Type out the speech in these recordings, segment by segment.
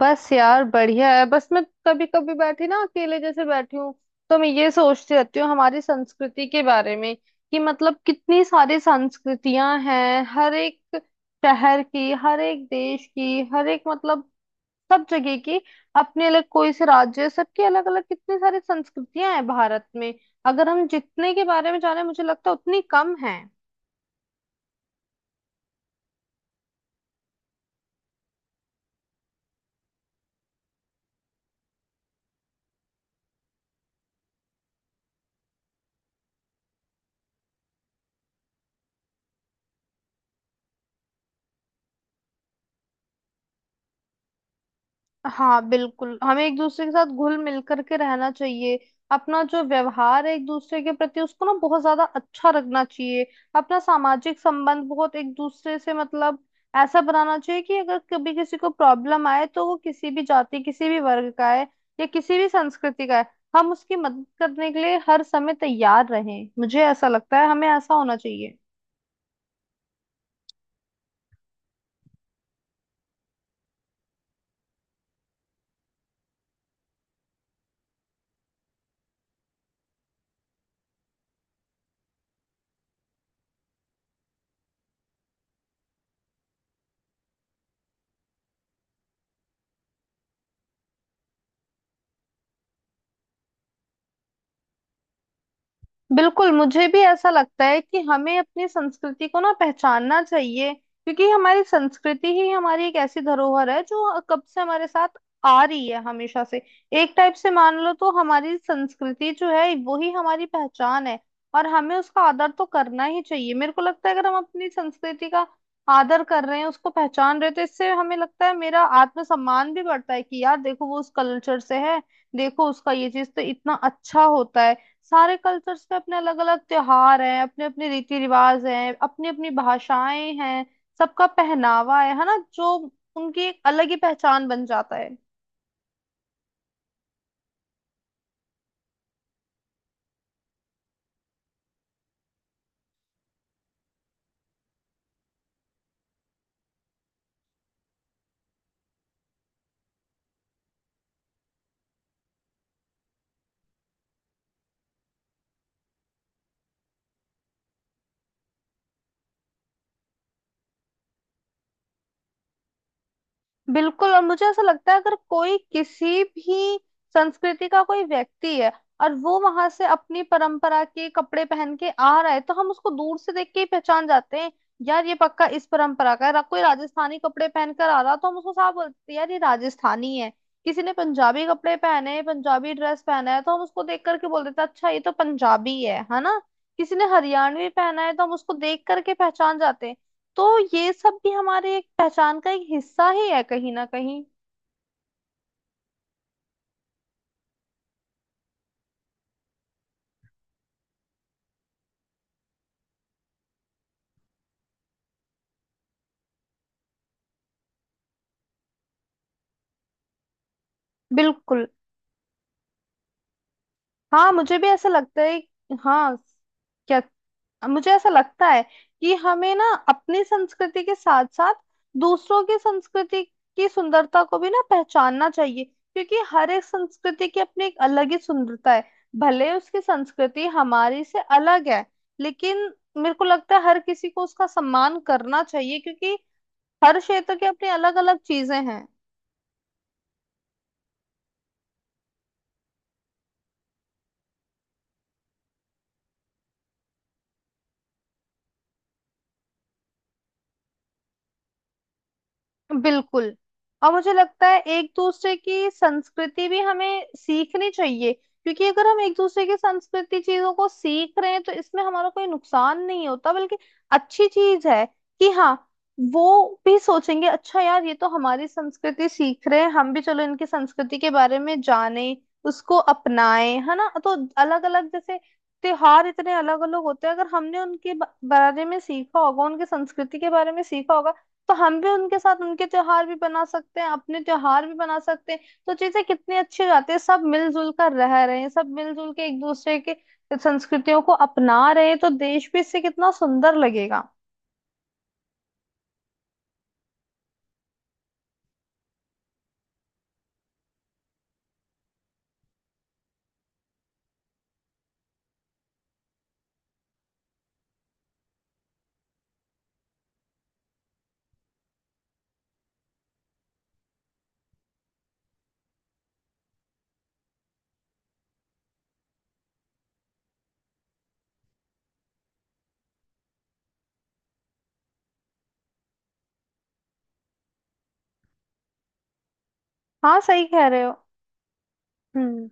बस यार बढ़िया है। बस मैं कभी कभी बैठी ना, अकेले जैसे बैठी हूँ तो मैं ये सोचती रहती हूँ हमारी संस्कृति के बारे में कि मतलब कितनी सारी संस्कृतियां हैं। हर एक शहर की, हर एक देश की, हर एक मतलब सब जगह की, अपने अलग कोई से राज्य, सबकी अलग अलग कितनी सारी संस्कृतियां हैं भारत में। अगर हम जितने के बारे में जाने, मुझे लगता है उतनी कम है। हाँ, बिल्कुल। हमें एक दूसरे के साथ घुल मिल करके रहना चाहिए। अपना जो व्यवहार है एक दूसरे के प्रति, उसको ना बहुत ज्यादा अच्छा रखना चाहिए। अपना सामाजिक संबंध बहुत एक दूसरे से मतलब ऐसा बनाना चाहिए कि अगर कभी किसी को प्रॉब्लम आए तो वो किसी भी जाति, किसी भी वर्ग का है, या किसी भी संस्कृति का है, हम उसकी मदद करने के लिए हर समय तैयार रहें। मुझे ऐसा लगता है हमें ऐसा होना चाहिए। बिल्कुल, मुझे भी ऐसा लगता है कि हमें अपनी संस्कृति को ना पहचानना चाहिए, क्योंकि हमारी संस्कृति ही हमारी एक ऐसी धरोहर है जो कब से हमारे साथ आ रही है, हमेशा से। एक टाइप से मान लो तो हमारी संस्कृति जो है वो ही हमारी पहचान है, और हमें उसका आदर तो करना ही चाहिए। मेरे को लगता है अगर हम अपनी संस्कृति का आदर कर रहे हैं, उसको पहचान रहे हैं, तो इससे हमें लगता है मेरा आत्मसम्मान भी बढ़ता है कि यार देखो, वो उस कल्चर से है, देखो उसका ये चीज तो इतना अच्छा होता है। सारे कल्चर्स पे अपने अलग अलग त्योहार हैं, अपने अपने रीति रिवाज हैं, अपनी अपनी भाषाएं हैं, सबका पहनावा है ना, जो उनकी एक अलग ही पहचान बन जाता है। बिल्कुल, और मुझे ऐसा लगता है, अगर कोई किसी भी संस्कृति का कोई व्यक्ति है और वो वहां से अपनी परंपरा के कपड़े पहन के आ रहा है, तो हम उसको दूर से देख के ही पहचान जाते हैं यार, ये पक्का इस परंपरा का है। कोई राजस्थानी कपड़े पहन कर आ रहा तो हम उसको साफ बोलते हैं यार, ये राजस्थानी है। किसी ने पंजाबी कपड़े पहने हैं, पंजाबी ड्रेस पहना है, तो हम उसको देख करके बोल देते हैं, अच्छा, ये तो पंजाबी है ना। किसी ने हरियाणवी पहना है तो हम उसको देख करके पहचान जाते हैं। तो ये सब भी हमारे एक पहचान का एक हिस्सा ही है कहीं ना कहीं। बिल्कुल। हाँ, मुझे भी ऐसा लगता है। हाँ। क्या? मुझे ऐसा लगता है कि हमें ना अपनी संस्कृति के साथ साथ दूसरों की संस्कृति की सुंदरता को भी ना पहचानना चाहिए, क्योंकि हर एक संस्कृति की अपनी एक अलग ही सुंदरता है। भले उसकी संस्कृति हमारी से अलग है, लेकिन मेरे को लगता है हर किसी को उसका सम्मान करना चाहिए, क्योंकि हर क्षेत्र की अपनी अलग अलग चीजें हैं। बिल्कुल। और मुझे लगता है एक दूसरे की संस्कृति भी हमें सीखनी चाहिए, क्योंकि अगर हम एक दूसरे की संस्कृति चीजों को सीख रहे हैं तो इसमें हमारा कोई नुकसान नहीं होता, बल्कि अच्छी चीज है कि हाँ, वो भी सोचेंगे, अच्छा यार ये तो हमारी संस्कृति सीख रहे हैं, हम भी चलो इनकी संस्कृति के बारे में जाने, उसको अपनाएं, है ना। तो अलग अलग जैसे त्योहार इतने अलग अलग होते हैं, अगर हमने उनके बारे में सीखा होगा, उनकी संस्कृति के बारे में सीखा होगा, तो हम भी उनके साथ उनके त्योहार भी बना सकते हैं, अपने त्योहार भी बना सकते हैं। तो चीजें कितनी अच्छी हो जाती है, सब मिलजुल कर रह रहे हैं, सब मिलजुल के एक दूसरे के संस्कृतियों को अपना रहे हैं, तो देश भी इससे कितना सुंदर लगेगा। हाँ, सही कह रहे हो। हम्म।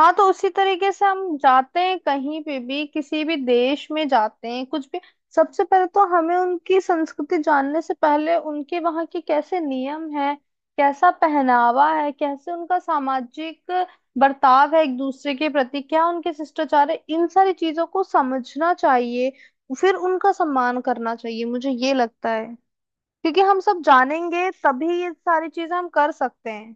हाँ, तो उसी तरीके से हम जाते हैं कहीं पे भी, किसी भी देश में जाते हैं कुछ भी, सबसे पहले तो हमें उनकी संस्कृति जानने से पहले उनके वहाँ के कैसे नियम है, कैसा पहनावा है, कैसे उनका सामाजिक बर्ताव है एक दूसरे के प्रति, क्या उनके शिष्टाचार है, इन सारी चीजों को समझना चाहिए। फिर उनका सम्मान करना चाहिए, मुझे ये लगता है। क्योंकि हम सब जानेंगे तभी ये सारी चीजें हम कर सकते हैं।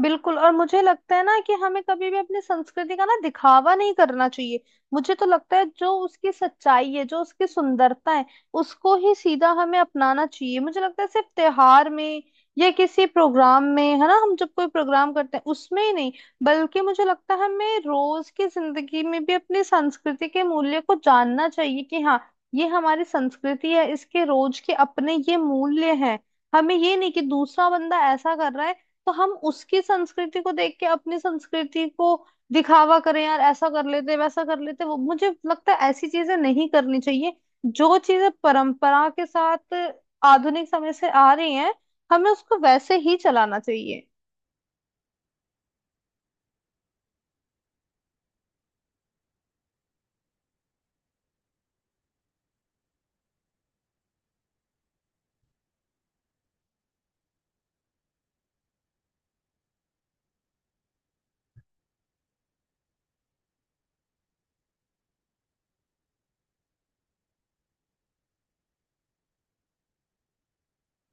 बिल्कुल, और मुझे लगता है ना कि हमें कभी भी अपनी संस्कृति का ना दिखावा नहीं करना चाहिए। मुझे तो लगता है जो उसकी सच्चाई है, जो उसकी सुंदरता है, उसको ही सीधा हमें अपनाना चाहिए। मुझे लगता है सिर्फ त्योहार में या किसी प्रोग्राम में, है ना, हम जब कोई प्रोग्राम करते हैं उसमें ही नहीं, बल्कि मुझे लगता है हमें रोज की जिंदगी में भी अपनी संस्कृति के मूल्य को जानना चाहिए कि हाँ, ये हमारी संस्कृति है, इसके रोज के अपने ये मूल्य हैं। हमें ये नहीं कि दूसरा बंदा ऐसा कर रहा है तो हम उसकी संस्कृति को देख के अपनी संस्कृति को दिखावा करें यार, ऐसा कर लेते वैसा कर लेते। वो मुझे लगता है ऐसी चीजें नहीं करनी चाहिए। जो चीजें परंपरा के साथ आधुनिक समय से आ रही हैं, हमें उसको वैसे ही चलाना चाहिए।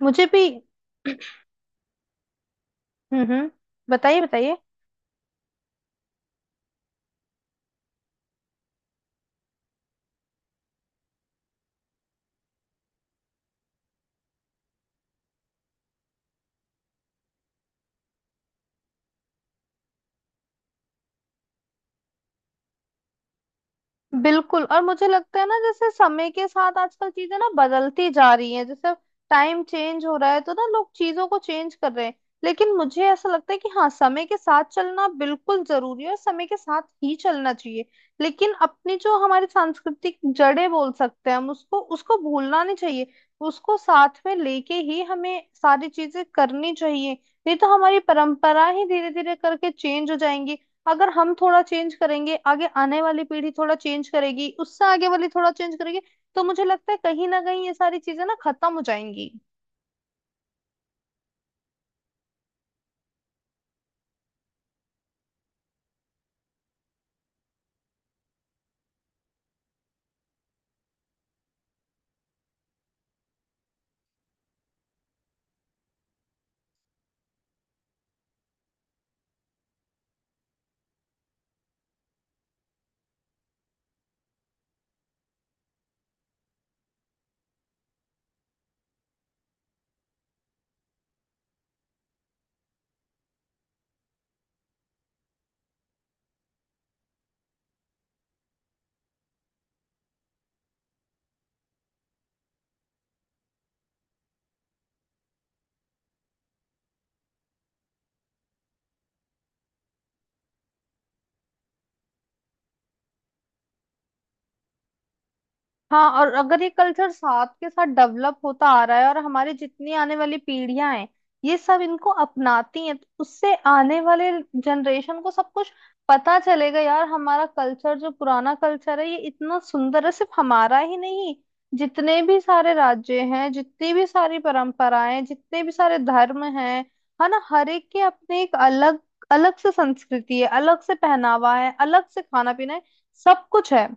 मुझे भी। हम्म। हम्म। बताइए, बताइए। बिल्कुल, और मुझे लगता है ना जैसे समय के साथ आजकल चीजें ना बदलती जा रही हैं, जैसे टाइम चेंज हो रहा है तो ना लोग चीजों को चेंज कर रहे हैं। लेकिन मुझे ऐसा लगता है कि हाँ, समय के साथ चलना बिल्कुल जरूरी है, और समय के साथ ही चलना चाहिए, लेकिन अपनी जो हमारी सांस्कृतिक जड़ें बोल सकते हैं हम, उसको उसको भूलना नहीं चाहिए। उसको साथ में लेके ही हमें सारी चीजें करनी चाहिए, नहीं तो हमारी परंपरा ही धीरे धीरे करके चेंज हो जाएंगी। अगर हम थोड़ा चेंज करेंगे, आगे आने वाली पीढ़ी थोड़ा चेंज करेगी, उससे आगे वाली थोड़ा चेंज करेगी, तो मुझे लगता है कहीं ना कहीं ये सारी चीजें ना खत्म हो जाएंगी। हाँ, और अगर ये कल्चर साथ के साथ डेवलप होता आ रहा है और हमारी जितनी आने वाली पीढ़ियां हैं ये सब इनको अपनाती हैं, तो उससे आने वाले जनरेशन को सब कुछ पता चलेगा यार, हमारा कल्चर जो पुराना कल्चर है ये इतना सुंदर है। सिर्फ हमारा ही नहीं, जितने भी सारे राज्य हैं, जितनी भी सारी परंपराएं, जितने भी सारे धर्म हैं, है ना, हर एक के अपने एक अलग अलग से संस्कृति है, अलग से पहनावा है, अलग से खाना पीना है, सब कुछ है।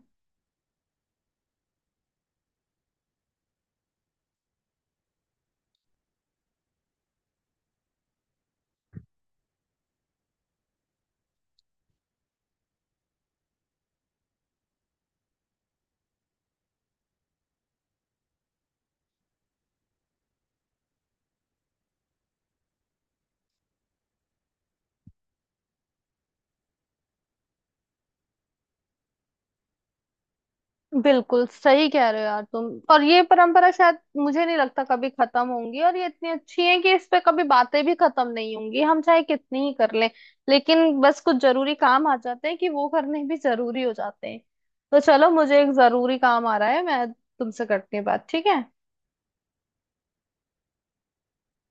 बिल्कुल सही कह रहे हो यार तुम। और ये परंपरा शायद मुझे नहीं लगता कभी खत्म होंगी, और ये इतनी अच्छी है कि इस पे कभी बातें भी खत्म नहीं होंगी, हम चाहे कितनी ही कर लें। लेकिन बस कुछ जरूरी काम आ जाते हैं कि वो करने भी जरूरी हो जाते हैं। तो चलो, मुझे एक जरूरी काम आ रहा है, मैं तुमसे करती हूँ बात, ठीक है।